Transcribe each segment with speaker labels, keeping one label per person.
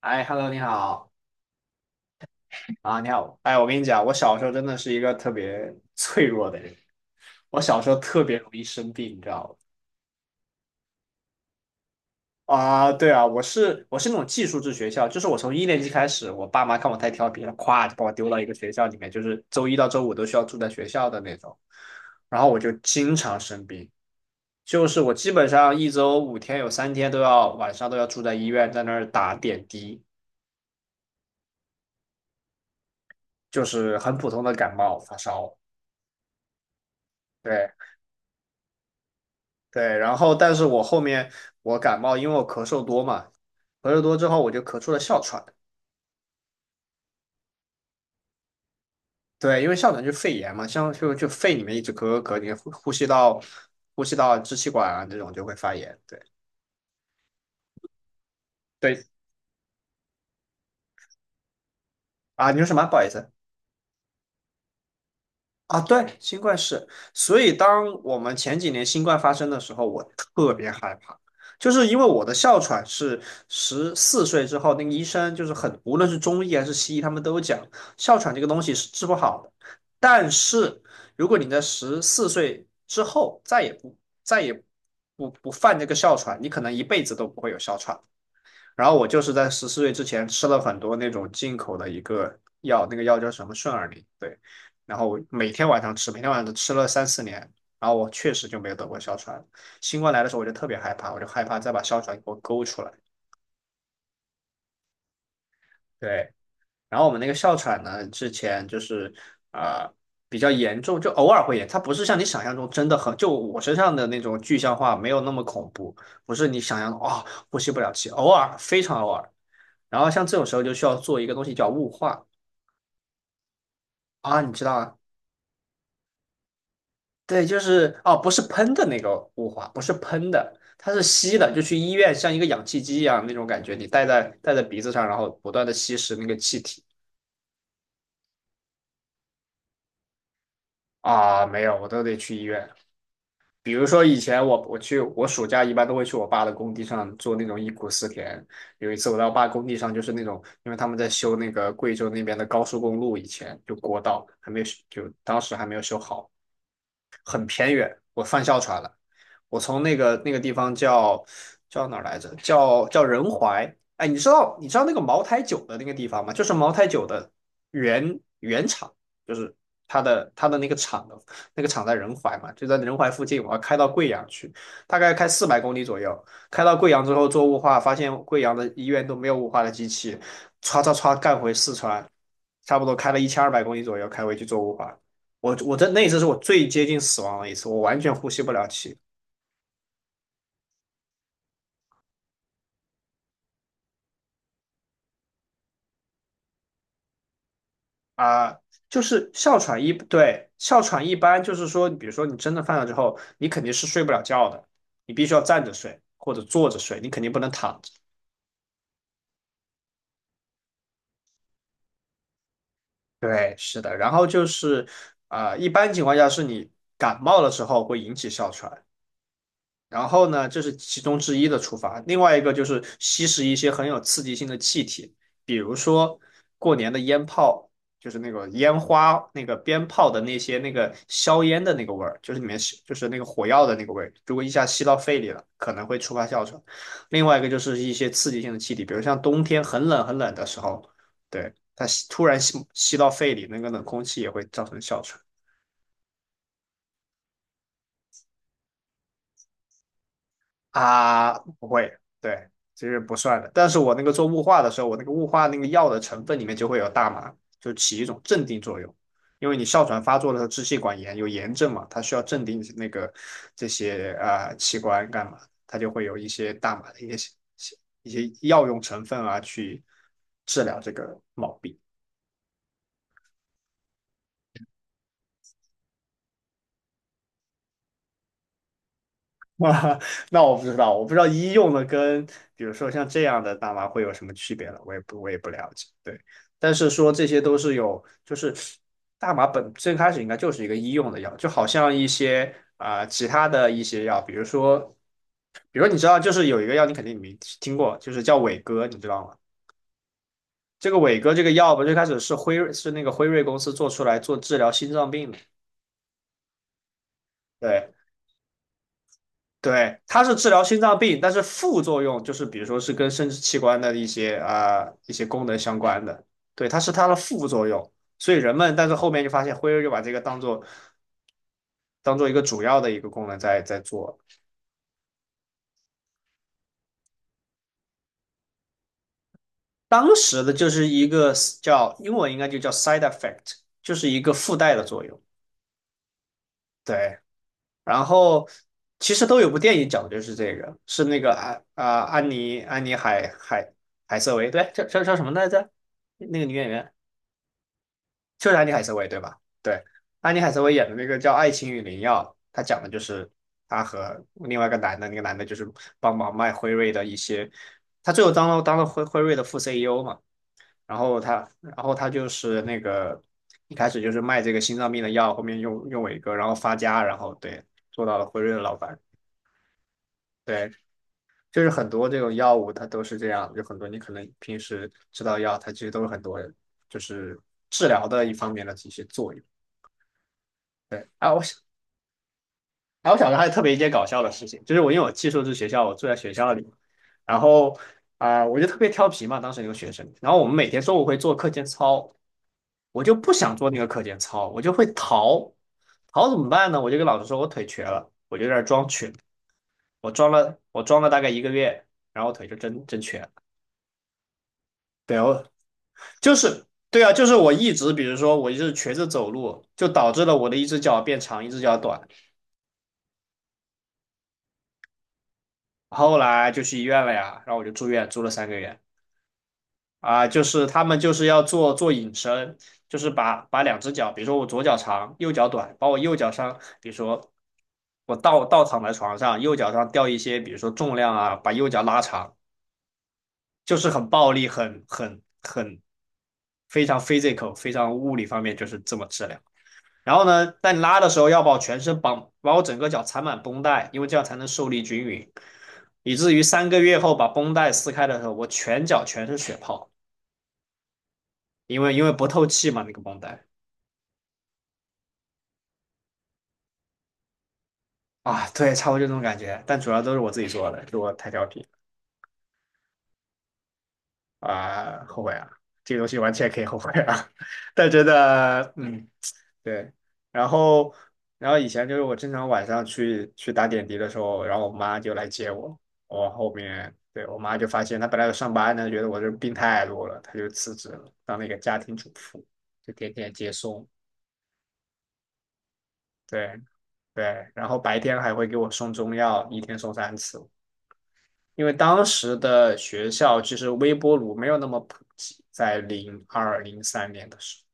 Speaker 1: 哎，Hello，你好啊，你好。哎，我跟你讲，我小时候真的是一个特别 脆弱的人，我小时候特别容易生病，你知道吗？啊，对啊，我是那种寄宿制学校，就是我从1年级开始，我爸妈看我太调皮了，咵就把我丢到一个学校里面，就是周一到周五都需要住在学校的那种，然后我就经常生病，就是我基本上一周5天有3天晚上都要住在医院，在那儿打点滴，就是很普通的感冒发烧。对，对，然后但是我后面，我感冒，因为我咳嗽多嘛，咳嗽多之后我就咳出了哮喘。对，因为哮喘就肺炎嘛，像就肺里面一直咳咳咳，你呼吸道支气管啊这种就会发炎。对对啊，你说什么？不好意思。啊，对，新冠是，所以当我们前几年新冠发生的时候，我特别害怕，就是因为我的哮喘是十四岁之后，那个医生就是很，无论是中医还是西医，他们都讲哮喘这个东西是治不好的，但是如果你在十四岁之后再也不犯这个哮喘，你可能一辈子都不会有哮喘。然后我就是在十四岁之前吃了很多那种进口的一个药，那个药叫什么顺尔宁，对。然后我每天晚上吃，每天晚上都吃了3、4年，然后我确实就没有得过哮喘。新冠来的时候我就特别害怕，我就害怕再把哮喘给我勾出来。对，然后我们那个哮喘呢，之前就是啊、呃比较严重，就偶尔会严，它不是像你想象中真的很，就我身上的那种具象化没有那么恐怖，不是你想象的呼吸不了气，偶尔非常偶尔。然后像这种时候就需要做一个东西叫雾化啊，你知道啊？对，就是哦，不是喷的那个雾化，不是喷的，它是吸的，就去医院像一个氧气机一样那种感觉，你戴在鼻子上，然后不断的吸食那个气体啊，没有，我都得去医院。比如说以前我去我暑假一般都会去我爸的工地上做那种忆苦思甜。有一次我到我爸工地上，就是那种因为他们在修那个贵州那边的高速公路，以前就国道还没有修就当时还没有修好，很偏远。我犯哮喘了，我从那个地方叫哪儿来着？叫仁怀。哎，你知道那个茅台酒的那个地方吗？就是茅台酒的原厂，就是它的那个厂在仁怀嘛，就在仁怀附近，我要开到贵阳去，大概开400公里左右。开到贵阳之后做雾化，发现贵阳的医院都没有雾化的机器，唰唰唰干回四川，差不多开了1200公里左右，开回去做雾化。我这那一次是我最接近死亡的一次，我完全呼吸不了气啊。就是哮喘一，对，哮喘一般就是说，比如说你真的犯了之后，你肯定是睡不了觉的，你必须要站着睡或者坐着睡，你肯定不能躺着。对，是的，然后就是，一般情况下是你感冒的时候会引起哮喘，然后呢，这是其中之一的触发，另外一个就是吸食一些很有刺激性的气体，比如说过年的烟炮，就是那个烟花、那个鞭炮的那个硝烟的那个味儿，就是里面吸就是那个火药的那个味儿。如果一下吸到肺里了，可能会触发哮喘。另外一个就是一些刺激性的气体，比如像冬天很冷很冷的时候，对，它突然吸到肺里，那个冷空气也会造成哮喘。啊，不会，对，其实不算的。但是我那个做雾化的时候，我那个雾化那个药的成分里面就会有大麻，就起一种镇定作用。因为你哮喘发作的时候，支气管炎有炎症嘛，它需要镇定这些器官干嘛，它就会有一些大麻的一些药用成分啊去治疗这个毛病。啊，那我不知道，我不知道医用的跟比如说像这样的大麻会有什么区别了，我也不了解。对，但是说这些都是有，就是大麻最开始应该就是一个医用的药，就好像一些其他的一些药，比如说，你知道，就是有一个药你肯定没听过，就是叫伟哥，你知道吗？这个伟哥这个药吧，最开始是辉瑞是那个辉瑞公司做出来做治疗心脏病的，对。对，它是治疗心脏病，但是副作用就是比如说是跟生殖器官的一些一些功能相关的，对，它是它的副作用。所以人们，但是后面就发现辉瑞就把这个当做一个主要的一个功能在做。当时的就是一个叫英文应该就叫 side effect,就是一个附带的作用。对，然后其实都有部电影讲的就是这个，是那个安妮海瑟薇，对，叫什么来着？那个女演员。就是安妮海瑟薇对吧？对，安妮海瑟薇演的那个叫《爱情与灵药》，她讲的就是她和另外一个男的，那个男的就是帮忙卖辉瑞的一些，他最后当了辉瑞的副 CEO 嘛，然后他就是那个一开始就是卖这个心脏病的药，后面用伟哥，然后发家，然后对做到了辉瑞的老板，对。就是很多这种药物，它都是这样，有很多你可能平时吃到药，它其实都是很多就是治疗的一方面的一些作用。对啊，我想。然后我小时候还特别一件搞笑的事情，就是我因为我寄宿制学校，我住在学校里，然后我就特别调皮嘛，当时那个学生。然后我们每天中午会做课间操，我就不想做那个课间操，我就会逃。逃怎么办呢？我就跟老师说我腿瘸了，我就在那儿装瘸，我装了大概1个月，然后腿就真瘸了。对，我就是对啊，就是我一直比如说我就是瘸着走路，就导致了我的一只脚变长，一只脚短。后来就去医院了呀，然后我就住院，住了3个月。啊，就是他们就是要做引申，就是把两只脚，比如说我左脚长，右脚短，把我右脚上，比如说我倒躺在床上，右脚上吊一些，比如说重量啊，把右脚拉长，就是很暴力，很非常 physical,非常物理方面就是这么治疗。然后呢，在拉的时候要把我全身绑，把我整个脚缠满绷带，因为这样才能受力均匀，以至于3个月后把绷带撕开的时候，我全脚全是血泡。因为不透气嘛，那个绷带啊，对，差不多就这种感觉，但主要都是我自己做的，就是我太调皮啊，后悔啊，这个东西完全可以后悔啊，但真的，嗯，对，然后然后以前就是我经常晚上去打点滴的时候，然后我妈就来接我，我后面对我妈就发现她本来有上班呢，觉得我这病太多了，她就辞职了，当那个家庭主妇，就天天接送，对对，然后白天还会给我送中药，一天送3次。因为当时的学校其实微波炉没有那么普及，在2002、2003年的时候，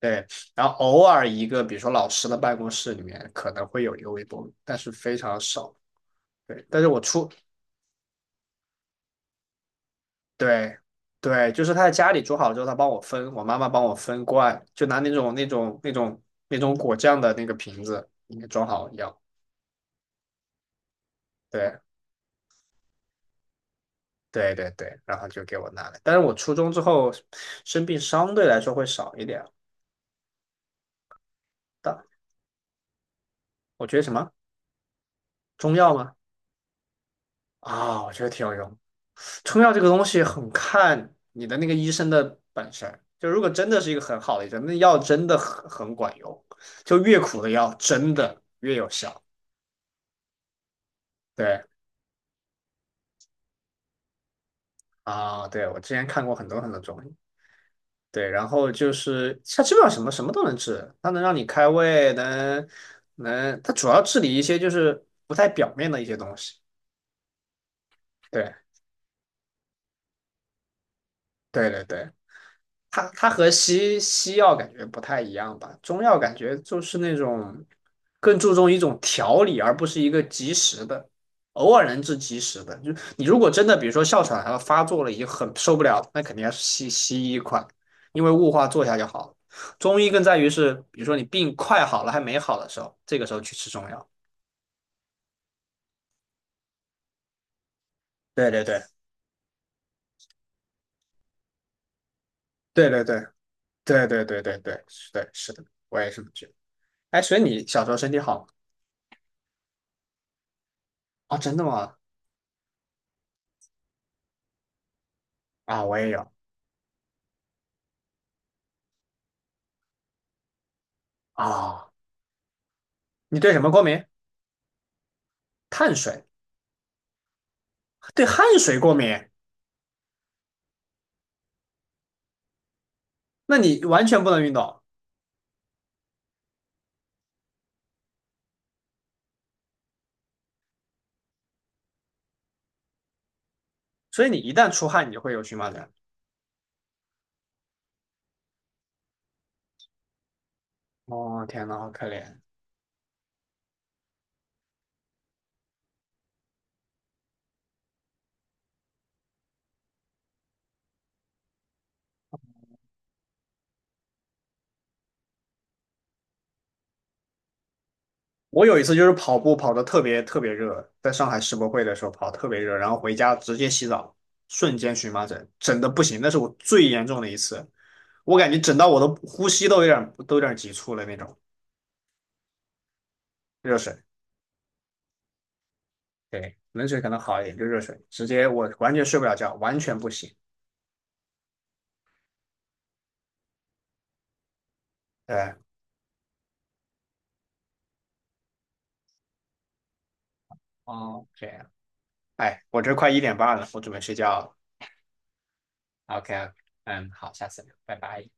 Speaker 1: 对，然后偶尔一个，比如说老师的办公室里面可能会有一个微波炉，但是非常少。对，但是我出，对，对，就是他在家里煮好了之后，他帮我分，我妈妈帮我分罐，就拿那种果酱的那个瓶子里面装好药。对对对对，然后就给我拿来。但是我初中之后生病相对来说会少一点。但我觉得什么？中药吗？啊、我觉得挺有用。中药这个东西很看你的那个医生的本事，就如果真的是一个很好的医生，那药真的很管用，就越苦的药真的越有效。对啊、对，我之前看过很多很多中医，对，然后就是它基本上什么什么都能治，它能让你开胃，能，它主要治理一些就是不太表面的一些东西。对，对对对。它和西药感觉不太一样吧？中药感觉就是那种更注重一种调理，而不是一个及时的，偶尔能治及时的。就你如果真的比如说哮喘它发作了，已经很受不了了那肯定要是西医快，因为雾化做一下就好了。中医更在于是，比如说你病快好了还没好的时候，这个时候去吃中药。对对对对对对对对对对对，是的，是的，我也是这么觉得。哎，所以你小时候身体好啊？哦真的吗？啊，我也有啊。你对什么过敏？碳水，对汗水过敏，那你完全不能运动，所以你一旦出汗，你就会有荨麻疹。哦，天呐，好可怜！我有一次就是跑步跑得特别特别热，在上海世博会的时候跑得特别热，然后回家直接洗澡，瞬间荨麻疹，整的不行，那是我最严重的一次，我感觉整到我的呼吸都有点急促了那种。热水，对，冷水可能好一点，就热水，直接我完全睡不了觉，完全不行。对，哦，这样。哎，我这快1点半了，我准备睡觉了。OK,嗯，好，下次聊，拜拜。